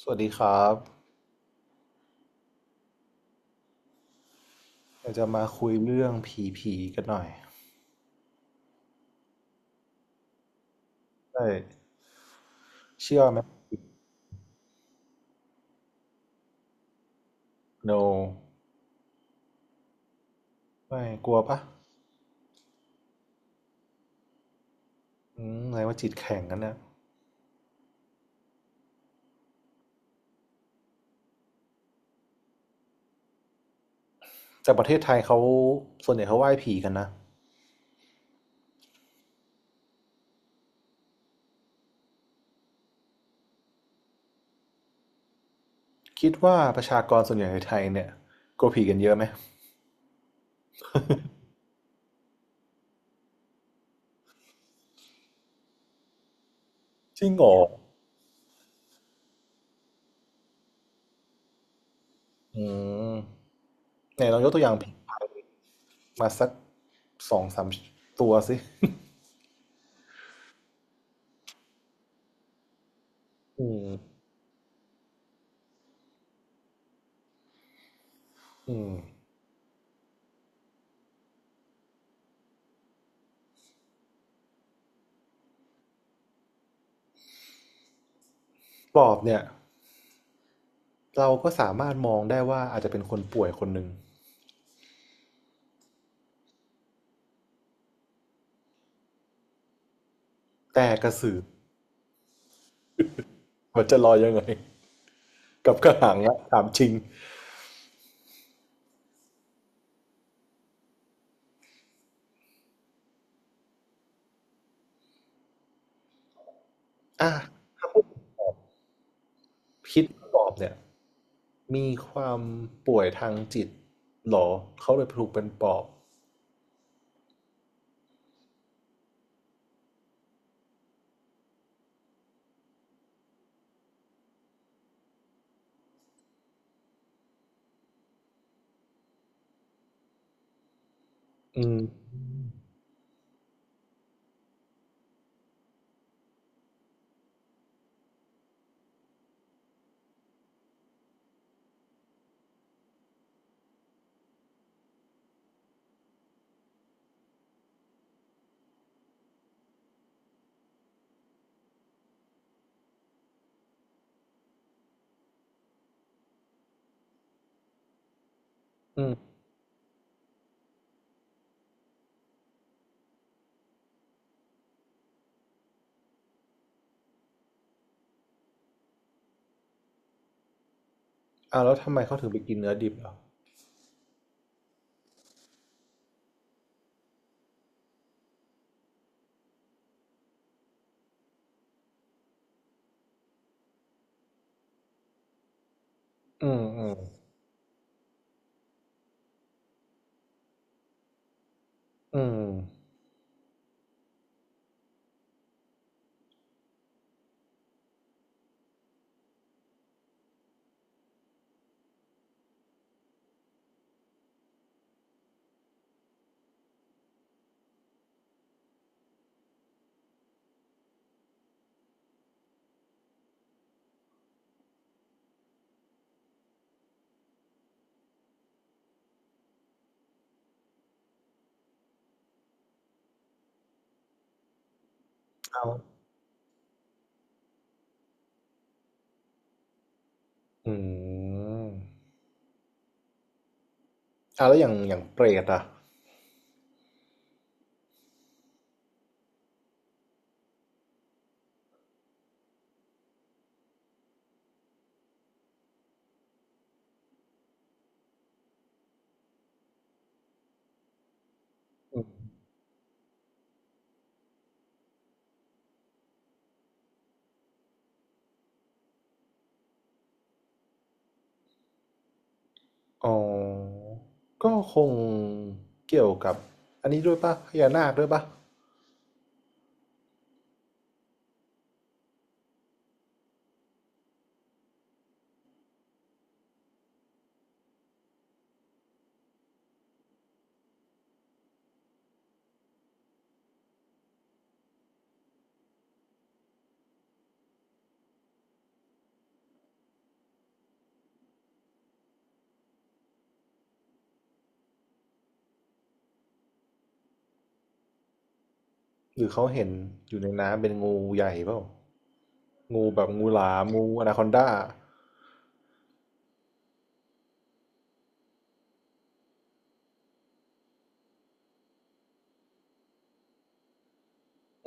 สวัสดีครับเราจะมาคุยเรื่องผีผีกันหน่อยใช่เชื่อไหม no ไม่กลัวปะไหนว่าจิตแข็งกันเนี่ยแต่ประเทศไทยเขาส่วนใหญ่เขาไหว้ผีกันนะคิดว่าประชากรส่วนใหญ่ในไทยเนี่ยกลัวผีกันเยอะไหม จริงเหรออืมไหนลองยกตัวอย่างผีมาสักสองสามตัวสิอืมอืมปอบเนี่ยเราก็สามารถมองได้ว่าอาจจะเป็นคนป่วยคนหนึ่งแต่กระสือมันจะลอยยังไง กับกระหังละถามจริงอ่ะถ้าพูดพิษปอบเนี่ยมีความป่วยทางจิตหรอเขาเลยถูกเป็นปอบอืมอืมอ่าแล้วทำไมเขาถึงไปกินเนื้อดิบเหรออืมอืมอืมเอาอืมอ่าแล้วอย่างอย่างเปรตอ่ะอ๋อก็คงเกี่ยวกับอันนี้ด้วยป่ะพญานาคด้วยป่ะ หรือเขาเห็นอยู่ในน้ำเป็นงูใหญ่เปล่างูแบบงูหลามงูอนาคอนดา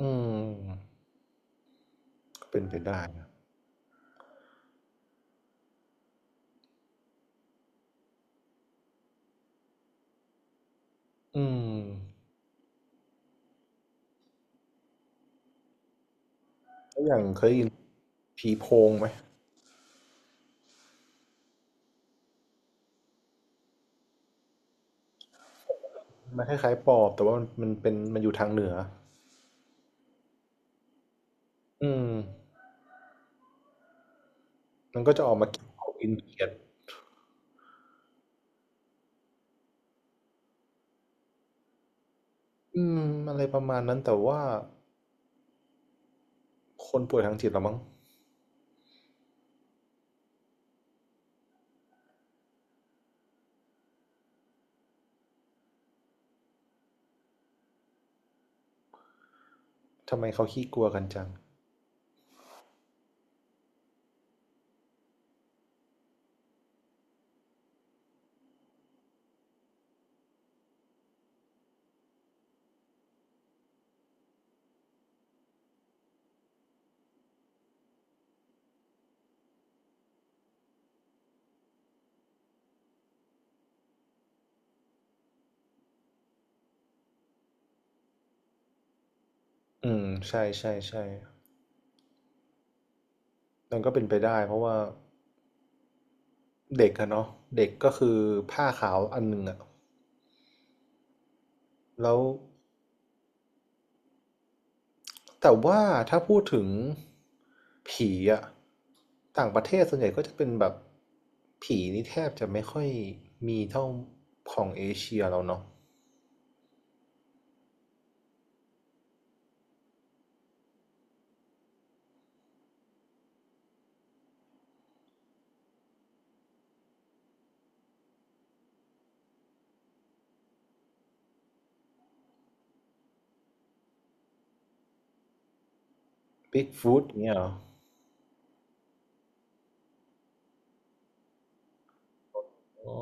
อืมเป็นไปได้นะอืมแล้วอย่างเคยได้ยินผีโพงไหมมันคล้ายๆปอบแต่ว่ามันมันเป็นมันอยู่ทางเหนืออืมมันก็จะออกมากินของกินเขียดอืมอะไรประมาณนั้นแต่ว่าคนป่วยทางจิตเหรอมั้งทำไมเขาขี้กลัวกันจังอืมใช่ใช่ใช่มันก็เป็นไปได้เพราะว่าเด็กอะเนาะเด็กก็คือผ้าขาวอันหนึ่งอะแล้ว แต่ว่าถ้าพูดถึงผีอะต่างประเทศส่วนใหญ่ก็จะเป็นแบบผีนี่แทบจะไม่ค่อยมีเท่าของเอเชียเราเนาะบิ๊กฟูตเนี้ยเหรออ๋อ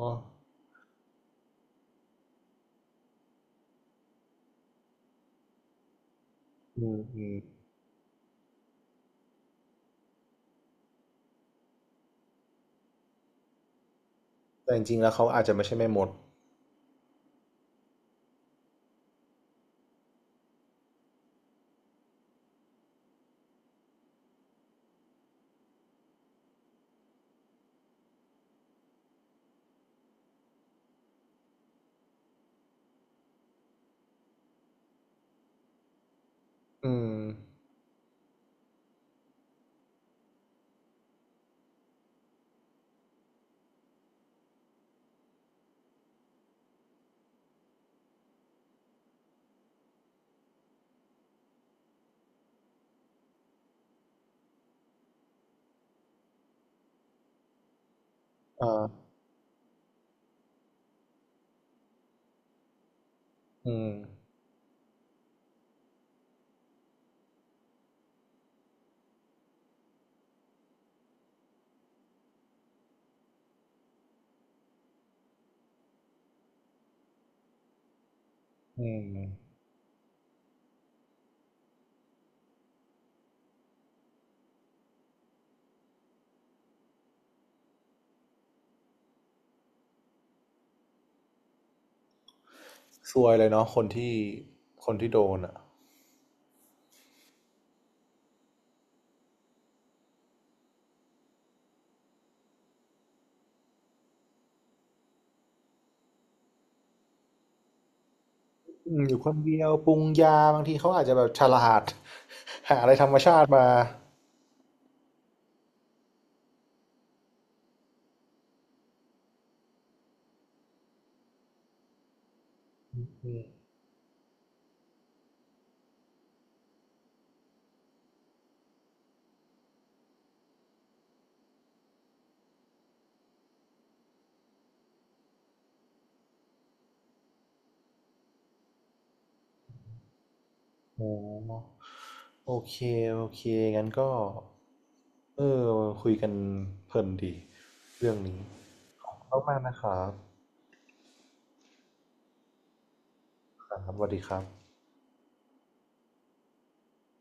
อืมอืมแต่จริงๆแล้วเขาอาจจะไม่ใช่แม่มดอืมอ่าอืมอืมซวยเลยเนาะคนที่คนที่โดนอ่ะอืมอยู่คนเดียวปรุงยาบางทีเขาอาจจะแบบฉลาด หาอะไรธรรมชาติมา โอ๋โอเคโอเคงั้นก็เออคุยกันเพลินดีเรื่องนี้ขอบคุณมากนะครับครับสวัสดีครับ